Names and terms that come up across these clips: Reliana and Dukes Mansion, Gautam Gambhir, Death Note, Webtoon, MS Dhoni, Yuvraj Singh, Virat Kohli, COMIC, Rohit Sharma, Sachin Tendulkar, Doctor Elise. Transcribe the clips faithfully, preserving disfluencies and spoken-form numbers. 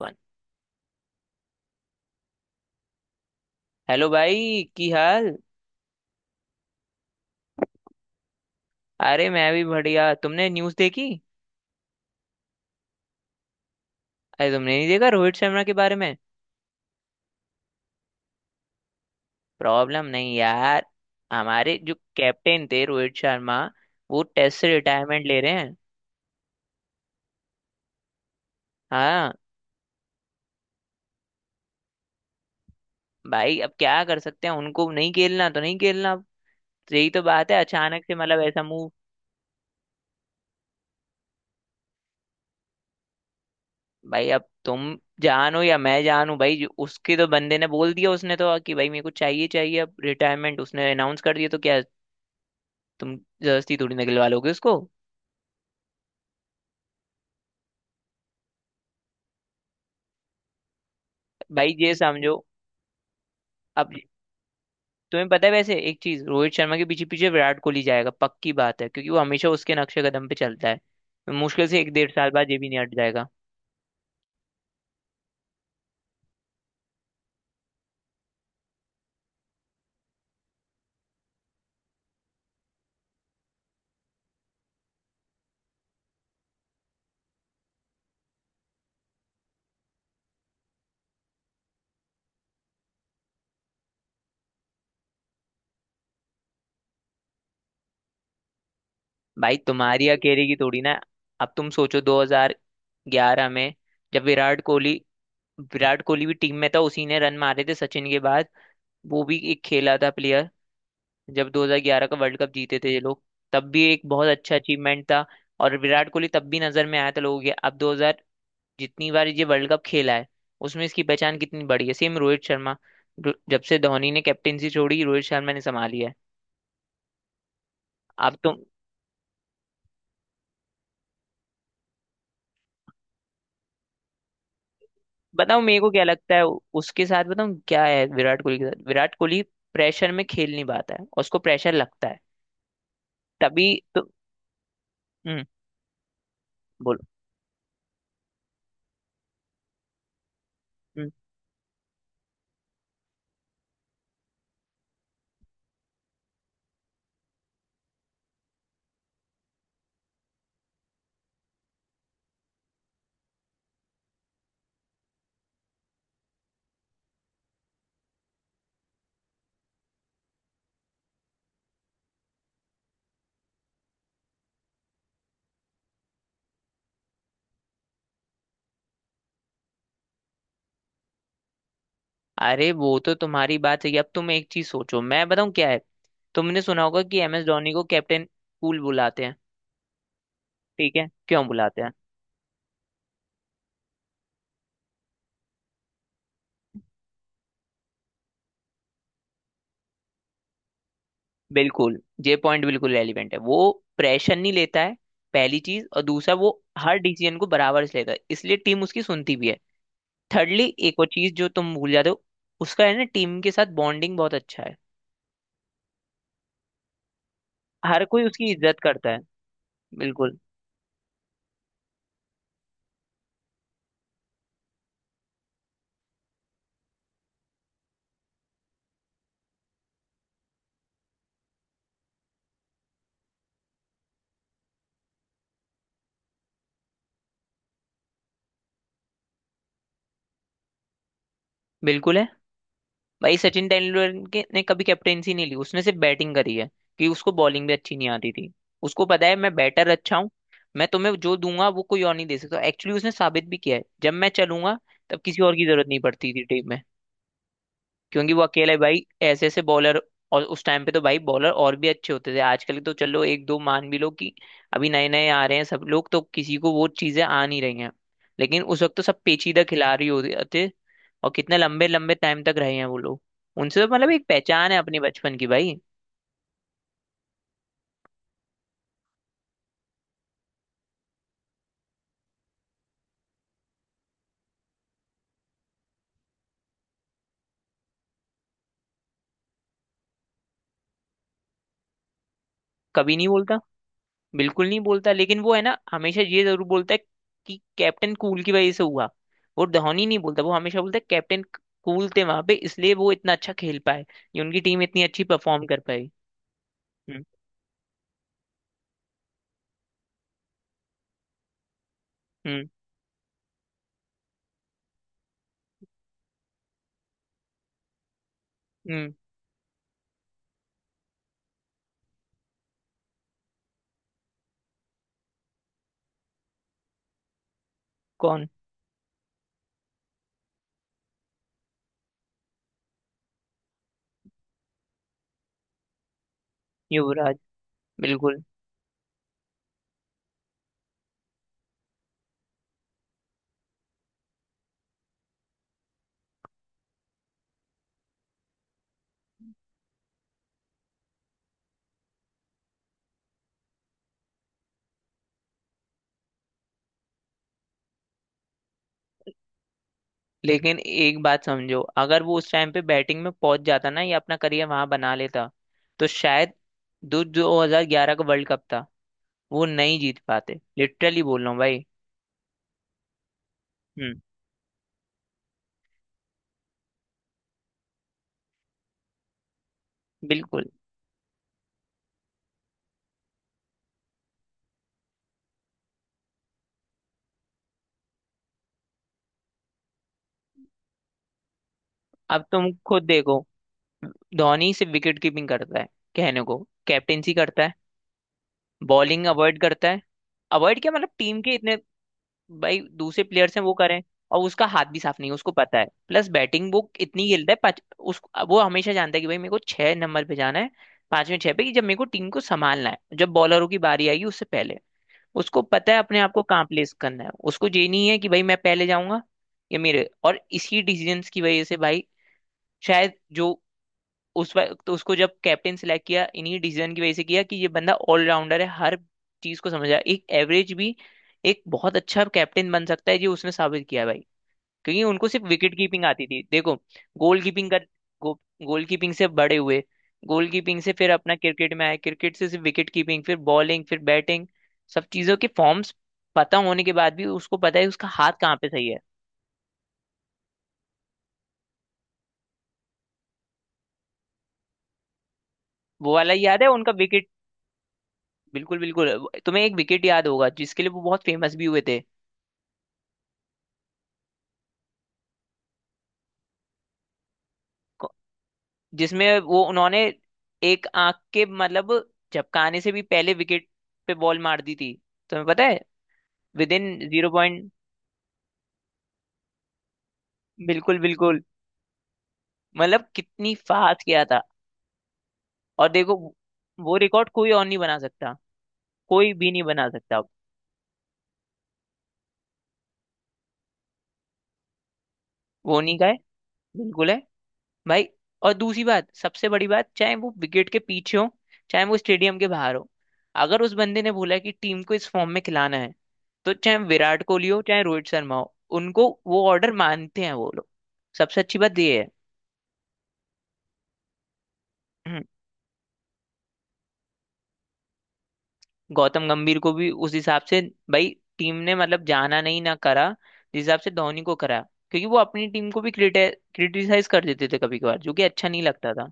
One. Hello भाई, की हाल। अरे मैं भी बढ़िया। तुमने न्यूज़ देखी? अरे तुमने नहीं देखा रोहित शर्मा के बारे में? प्रॉब्लम नहीं यार। हमारे जो कैप्टन थे रोहित शर्मा, वो टेस्ट से रिटायरमेंट ले रहे हैं। हाँ। भाई अब क्या कर सकते हैं, उनको नहीं खेलना तो नहीं खेलना अब। यही तो बात है, अचानक से मतलब ऐसा मूव। भाई अब तुम जानो या मैं जानू, भाई जो- उसके तो बंदे ने बोल दिया, उसने तो कि भाई मेरे को चाहिए चाहिए अब रिटायरमेंट, उसने अनाउंस कर दिया तो क्या? तुम जबरदस्ती थोड़ी निकलवा लोगे उसको। भाई ये समझो। अब तुम्हें पता है, वैसे एक चीज, रोहित शर्मा के पीछे पीछे विराट कोहली जाएगा पक्की बात है, क्योंकि वो हमेशा उसके नक्शे कदम पे चलता है। मुश्किल से एक डेढ़ साल बाद ये भी नहीं हट जाएगा। भाई तुम्हारी अकेले की थोड़ी ना। अब तुम सोचो दो हज़ार ग्यारह में, जब विराट कोहली विराट कोहली भी टीम में था, उसी ने रन मारे थे सचिन के बाद। वो भी एक खेला था प्लेयर। जब दो हज़ार ग्यारह का वर्ल्ड कप जीते थे ये लोग, तब भी एक बहुत अच्छा अचीवमेंट था। और विराट कोहली तब भी नजर में आया था लोगों के। अब जितनी बार ये वर्ल्ड कप खेला है, उसमें इसकी पहचान कितनी बड़ी है, सेम रोहित शर्मा। जो- जब से धोनी ने कैप्टेंसी छोड़ी, रोहित शर्मा ने संभाली है। आप तो बताओ मेरे को क्या लगता है उ- उसके साथ। बताऊं क्या है? विराट कोहली के साथ विराट कोहली प्रेशर में खेल नहीं पाता है, और उसको प्रेशर लगता है, तभी तो। हम्म। बोलो। हम्म, अरे वो तो तुम्हारी बात सही है। अब तुम एक चीज सोचो, मैं बताऊं क्या है। तुमने सुना होगा कि एम एस धोनी को कैप्टन कूल बुलाते हैं। ठीक है, क्यों बुलाते हैं? बिल्कुल। ये पॉइंट बिल्कुल रेलिवेंट है, वो प्रेशर नहीं लेता है पहली चीज, और दूसरा वो हर डिसीजन को बराबर से लेता है इसलिए टीम उसकी सुनती भी है। थर्डली एक और चीज जो तुम भूल जाते हो, उसका है ना टीम के साथ बॉन्डिंग बहुत अच्छा है, हर कोई उसकी इज्जत करता है। बिल्कुल। बिल्कुल है भाई। सचिन तेंदुलकर के- ने कभी कैप्टेंसी नहीं ली, उसने सिर्फ बैटिंग करी है, कि उसको बॉलिंग भी अच्छी नहीं आती थी। उसको पता है मैं बैटर अच्छा हूँ। मैं तुम्हें जो दूंगा वो कोई और नहीं दे सकता, एक्चुअली उसने साबित भी किया है, जब मैं चलूंगा तब किसी और की जरूरत नहीं पड़ती थी टीम में। क्योंकि वो अकेले भाई ऐसे ऐसे बॉलर। और उस टाइम पे तो भाई बॉलर और भी अच्छे होते थे, आजकल तो चलो एक दो मान भी लो कि अभी नए नए आ रहे हैं सब लोग, तो किसी को वो चीजें आ नहीं रही हैं। लेकिन उस वक्त तो सब पेचीदा खिलाड़ी होते थे, और कितने लंबे लंबे टाइम तक रहे हैं वो लोग। उनसे तो मतलब एक पहचान है अपने बचपन की भाई। कभी नहीं बोलता। बिल्कुल नहीं बोलता, लेकिन वो है ना हमेशा ये जरूर बोलता है कि कैप्टन कूल की वजह से हुआ। वो धोनी नहीं बोलता, वो हमेशा बोलता है कैप्टन कूल थे वहां पे, इसलिए वो इतना अच्छा खेल पाए, ये उनकी टीम इतनी अच्छी परफॉर्म कर पाई। हम्म। हम्म। हम्म। कौन? युवराज। बिल्कुल। लेकिन एक बात समझो, अगर वो उस टाइम पे बैटिंग में पहुंच जाता ना, या अपना करियर वहां बना लेता तो शायद दो 2011 का वर्ल्ड कप था वो नहीं जीत पाते, लिटरली बोल रहा हूँ भाई। हम्म। बिल्कुल। अब तुम खुद देखो, धोनी सिर्फ विकेट कीपिंग करता है कहने को, कैप्टेंसी करता है, बॉलिंग अवॉइड करता है। अवॉइड क्या मतलब, टीम के इतने भाई दूसरे प्लेयर्स हैं वो करें, और उसका हाथ भी साफ नहीं है उसको पता है, प्लस बैटिंग वो इतनी खेलता है पाँच उस। वो हमेशा जानता है कि भाई मेरे को छह नंबर पे जाना है, पांच में छह पे, कि जब मेरे को टीम को संभालना है जब बॉलरों की बारी आएगी उससे पहले। उसको पता है अपने आप को कहाँ प्लेस करना है, उसको ये नहीं है कि भाई मैं पहले जाऊंगा या मेरे। और इसी डिसीजंस की वजह से भाई, शायद जो उस वक्त तो उसको जब कैप्टन सिलेक्ट किया, इन्हीं डिसीजन की वजह से किया कि ये बंदा ऑलराउंडर है, हर चीज को समझ रहा है, एक एवरेज भी एक बहुत अच्छा कैप्टन बन सकता है, ये उसने साबित किया भाई। क्योंकि उनको सिर्फ विकेट कीपिंग आती थी, देखो गोल कीपिंग कर, गो, गोल कीपिंग से बड़े हुए, गोल कीपिंग से फिर अपना क्रिकेट में आए, क्रिकेट से सिर्फ विकेट कीपिंग फिर बॉलिंग फिर बैटिंग, सब चीजों के फॉर्म्स पता होने के बाद भी उसको पता है उसका हाथ कहाँ पे सही है। वो वाला याद है उनका विकेट? बिल्कुल बिल्कुल। तुम्हें एक विकेट याद होगा जिसके लिए वो बहुत फेमस भी हुए थे, जिसमें वो उन्होंने एक आंख के मतलब झपकाने से भी पहले विकेट पे बॉल मार दी थी, तुम्हें पता है, विद इन जीरो पॉइंट। बिल्कुल बिल्कुल। मतलब कितनी फास्ट किया था। और देखो, वो रिकॉर्ड कोई और नहीं बना सकता, कोई भी नहीं बना सकता अब। वो नहीं का है। बिल्कुल है भाई। और दूसरी बात, सबसे बड़ी बात, चाहे वो विकेट के पीछे हो चाहे वो स्टेडियम के बाहर हो, अगर उस बंदे ने बोला है कि टीम को इस फॉर्म में खिलाना है, तो चाहे विराट कोहली हो चाहे रोहित शर्मा हो, उनको वो ऑर्डर मानते हैं वो लोग, सबसे अच्छी बात ये है। हम्म, गौतम गंभीर को भी उस हिसाब से भाई, टीम ने मतलब जाना नहीं ना करा जिस हिसाब से धोनी को करा, क्योंकि वो अपनी टीम को भी क्रिटिसाइज कर देते थे कभी कभार, जो कि अच्छा नहीं लगता था।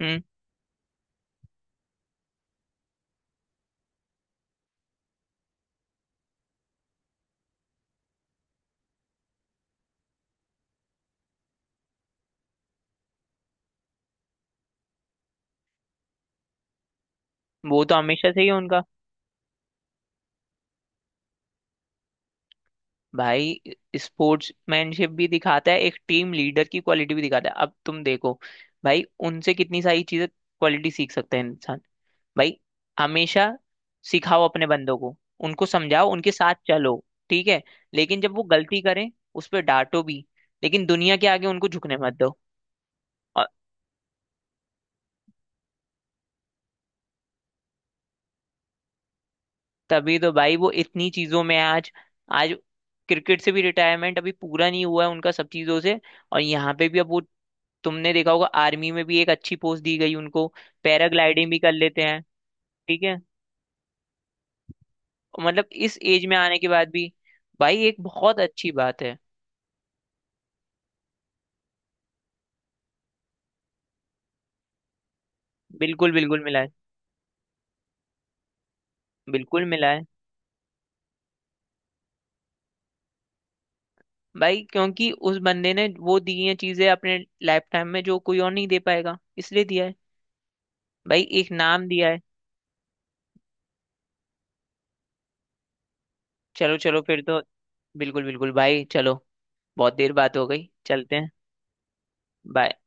हम्म। वो तो हमेशा से ही है उनका। भाई, स्पोर्ट्समैनशिप भी दिखाता है, एक टीम लीडर की क्वालिटी भी दिखाता है, अब तुम देखो भाई, उनसे कितनी सारी चीजें, क्वालिटी सीख सकते हैं इंसान भाई, हमेशा सिखाओ अपने बंदों को, उनको समझाओ, उनके साथ चलो, ठीक है, लेकिन जब वो गलती करें उस पर डांटो भी, लेकिन दुनिया के आगे उनको झुकने मत दो। तभी तो भाई वो इतनी चीजों में आज आज क्रिकेट से भी रिटायरमेंट अभी पूरा नहीं हुआ है उनका, सब चीजों से, और यहाँ पे भी अब वो, तुमने देखा होगा आर्मी में भी एक अच्छी पोस्ट दी गई उनको, पैराग्लाइडिंग भी कर लेते हैं। ठीक है, मतलब इस एज में आने के बाद भी, भाई एक बहुत अच्छी बात है। बिल्कुल बिल्कुल मिला है। बिल्कुल मिला है भाई, क्योंकि उस बंदे ने वो दी हैं चीजें अपने लाइफ टाइम में जो कोई और नहीं दे पाएगा, इसलिए दिया है भाई, एक नाम दिया है। चलो चलो फिर तो। बिल्कुल बिल्कुल भाई चलो, बहुत देर बात हो गई, चलते हैं। बाय।